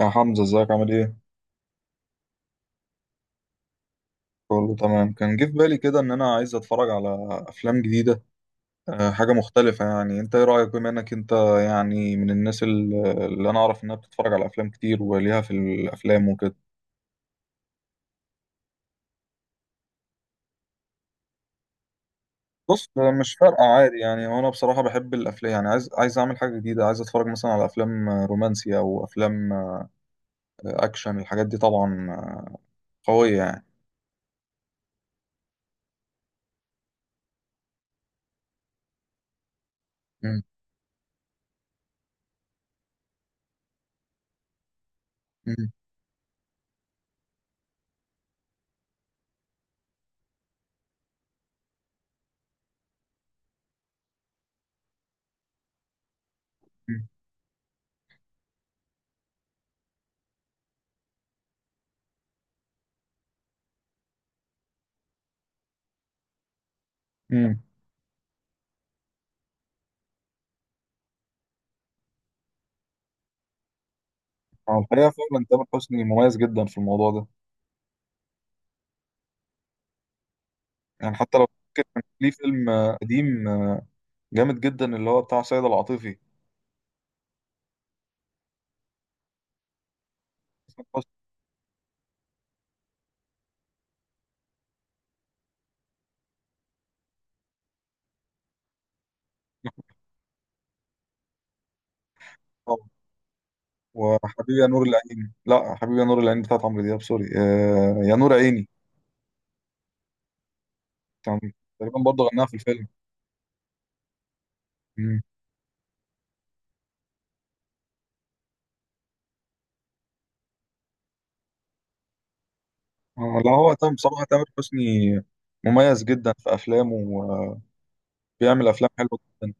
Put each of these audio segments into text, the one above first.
يا حمزة، ازيك؟ عامل ايه؟ كله تمام. كان جه في بالي كده ان انا عايز اتفرج على افلام جديدة. حاجة مختلفة، يعني انت ايه رأيك، بما انك انت يعني من الناس اللي انا اعرف انها بتتفرج على افلام كتير وليها في الافلام وكده. بص، مش فارقة عادي، يعني وانا بصراحة بحب الافلام، يعني عايز اعمل حاجة جديدة، عايز اتفرج مثلا على افلام رومانسية او افلام اكشن. الحاجات دي طبعا قوية يعني. مم. مم. مم. مم. على الحقيقة فعلا تامر حسني مميز جدا في الموضوع ده. يعني حتى لو فاكر، كان ليه فيلم قديم جامد جدا، اللي هو بتاع سيد العاطفي. حسن حسني. طبعاً، وحبيبي يا نور العين، لا، حبيبي يا نور العين بتاعت عمرو دياب، سوري، يا نور عيني. كان تقريبا برضه غناها في الفيلم. مم. لا، هو تم بصراحة تامر حسني مميز جدا في أفلامه، وبيعمل أفلام حلوة جدا.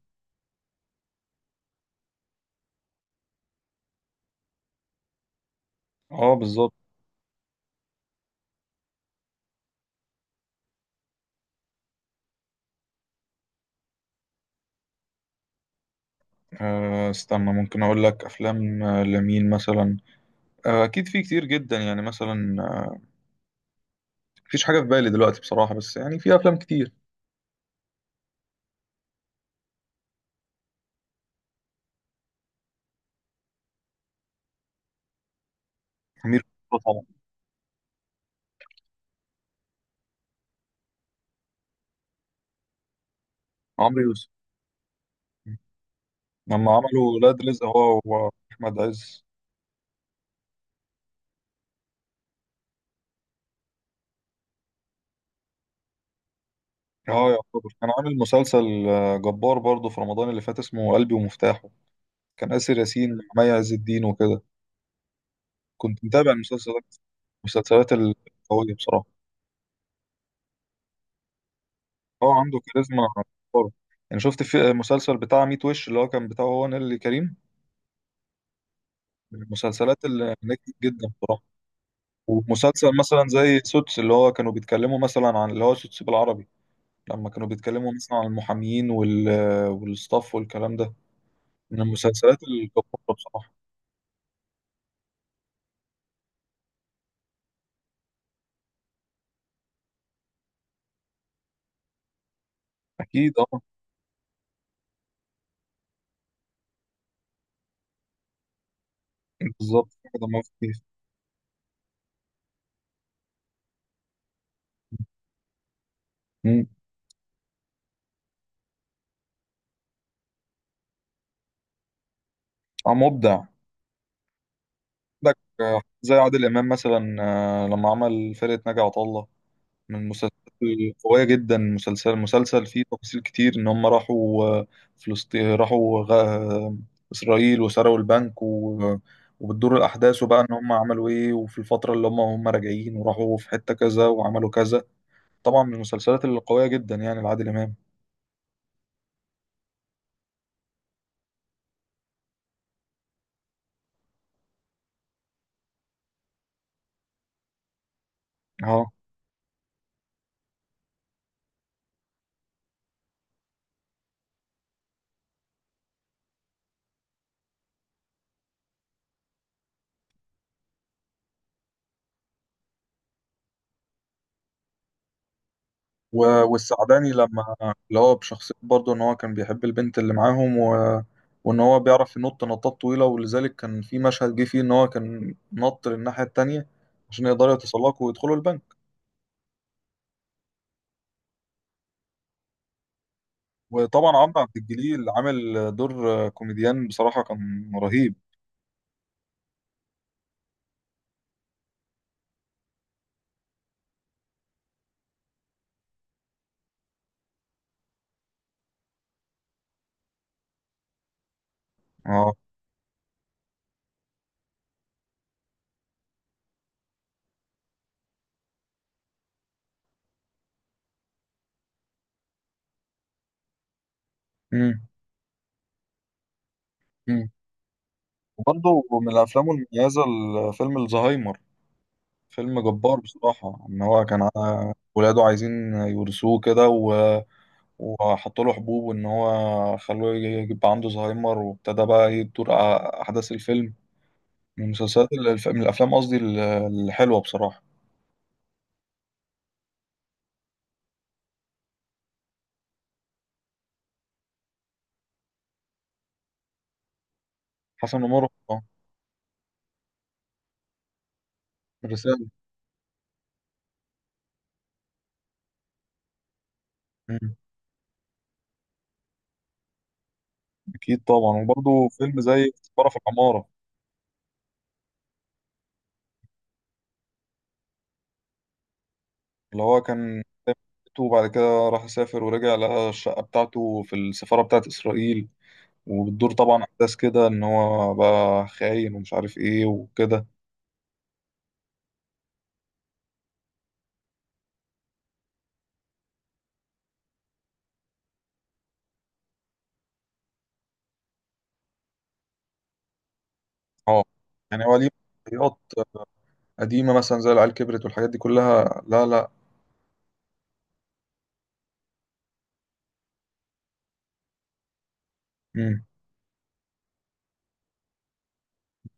اه، بالظبط. استنى، ممكن اقول لك افلام لمين مثلا. اكيد في كتير جدا، يعني مثلا مفيش حاجه في بالي دلوقتي بصراحه، بس يعني في افلام كتير. امير كرارة طبعا. عمرو يوسف. لما عملوا ولاد رزق هو واحمد عز. اه، يعتبر كان عامل مسلسل جبار برضه في رمضان اللي فات، اسمه قلبي ومفتاحه. كان آسر ياسين مع مي عز الدين وكده. كنت متابع المسلسل ده، المسلسلات القوية بصراحة. هو عنده كاريزما جبارة. يعني شفت في مسلسل بتاع ميت وش، اللي هو كان بتاعه هو نيللي كريم، من المسلسلات اللي نجحت جدا بصراحة. ومسلسل مثلا زي سوتس، اللي هو كانوا بيتكلموا مثلا عن اللي هو سوتس بالعربي، لما كانوا بيتكلموا مثلا عن المحامين وال، والستاف والكلام ده، من المسلسلات الجبارة بصراحة. أكيد أه. بالظبط كده، ما فيش. مم. مبدع. عندك زي عادل إمام مثلا، لما عمل فرقة ناجي عطا الله، من المسلسلات القوية جدا. مسلسل فيه تفاصيل كتير، إن هم راحوا فلسطين، راحوا إسرائيل وسرقوا البنك، و... وبتدور الأحداث وبقى إن هم عملوا إيه، وفي الفترة اللي هم راجعين، وراحوا في حتة كذا وعملوا كذا. طبعا من المسلسلات اللي قوية جدا يعني لعادل إمام. اه، والسعداني، لما اللي هو بشخصية برضه إن هو كان بيحب البنت اللي معاهم، و... وإن هو بيعرف ينط نطات طويلة، ولذلك كان في مشهد جه فيه إن هو كان نط للناحية التانية عشان يقدروا يتسلقوا ويدخلوا البنك. وطبعا عمرو عبد الجليل عامل دور كوميديان، بصراحة كان رهيب. اه. امم امم وبرضه من الأفلام المميزة فيلم الزهايمر، فيلم جبار بصراحة. إن هو كان ولاده عايزين يورثوه كده، و... وحطوا له حبوب وإن هو خلوه يبقى عنده زهايمر، وابتدى بقى إيه تدور أحداث الفيلم، من الأفلام قصدي الحلوة بصراحة. حسن ومرة، الرسالة. مم. أكيد طبعا. وبرضه فيلم زي سفارة في العمارة، اللي هو كان، وبعد كده راح سافر ورجع لقى الشقة بتاعته في السفارة بتاعت إسرائيل، وبتدور طبعا أحداث كده إن هو بقى خاين ومش عارف إيه وكده. اه، يعني هو ليه مسرحيات قديمة مثلا زي العيال كبرت والحاجات دي كلها، لا لا. مم.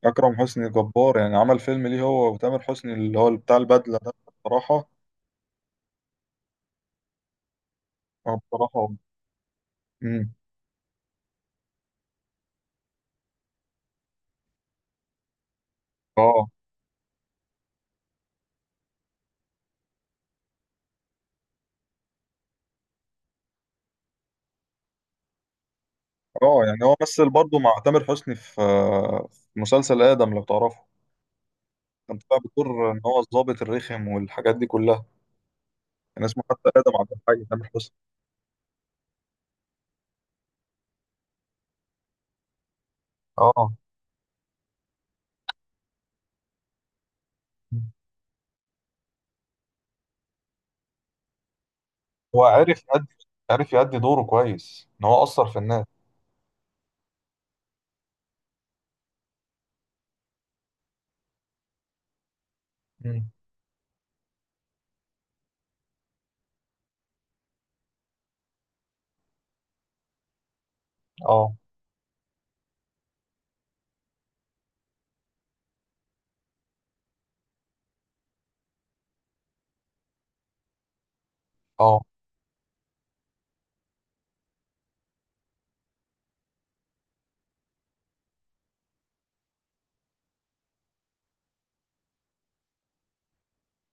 أكرم حسني جبار، يعني عمل فيلم ليه هو وتامر حسني اللي هو بتاع البدلة ده. بصراحة. اه، بصراحة. مم. اه، اه. يعني هو مثل برضه مع تامر حسني في مسلسل آدم لو تعرفه. كان طلع بدور إن هو الضابط الرخم، والحاجات دي كلها. كان اسمه حتى آدم عبد الحي، تامر حسني. اه. مم. هو عرف يأدي دوره كويس، إن هو أثر في الناس. مم. اه، اه،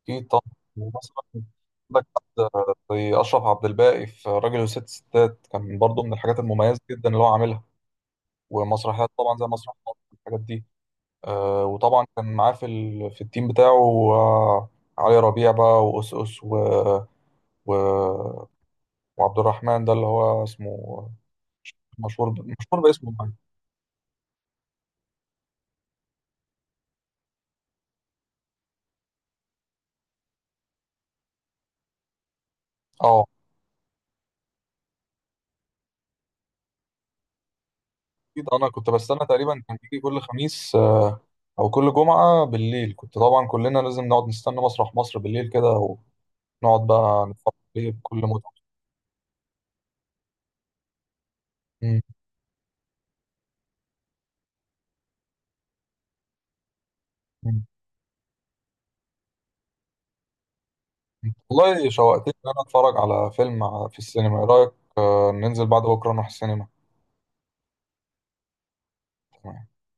اكيد طبعا. مثلا عندك حد زي اشرف عبد الباقي في راجل وست ستات، كان برضو من الحاجات المميزه جدا اللي هو عاملها. ومسرحيات طبعا زي مسرح مصر، الحاجات دي. وطبعا كان معاه في في التيم بتاعه، علي ربيع بقى، وأس اس، و، و، وعبد الرحمن ده اللي هو اسمه مشهور باسمه يعني. اه اكيد، انا كنت بستنى. تقريبا كان بيجي كل خميس او كل جمعه بالليل، كنت طبعا كلنا لازم نقعد نستنى مسرح مصر بالليل كده، نقعد بقى نتفرج عليه بكل متعة. مم. مم. والله شوقتني إن أنا أتفرج على فيلم في السينما، إيه رأيك؟ ننزل بعد بكرة نروح السينما. تمام.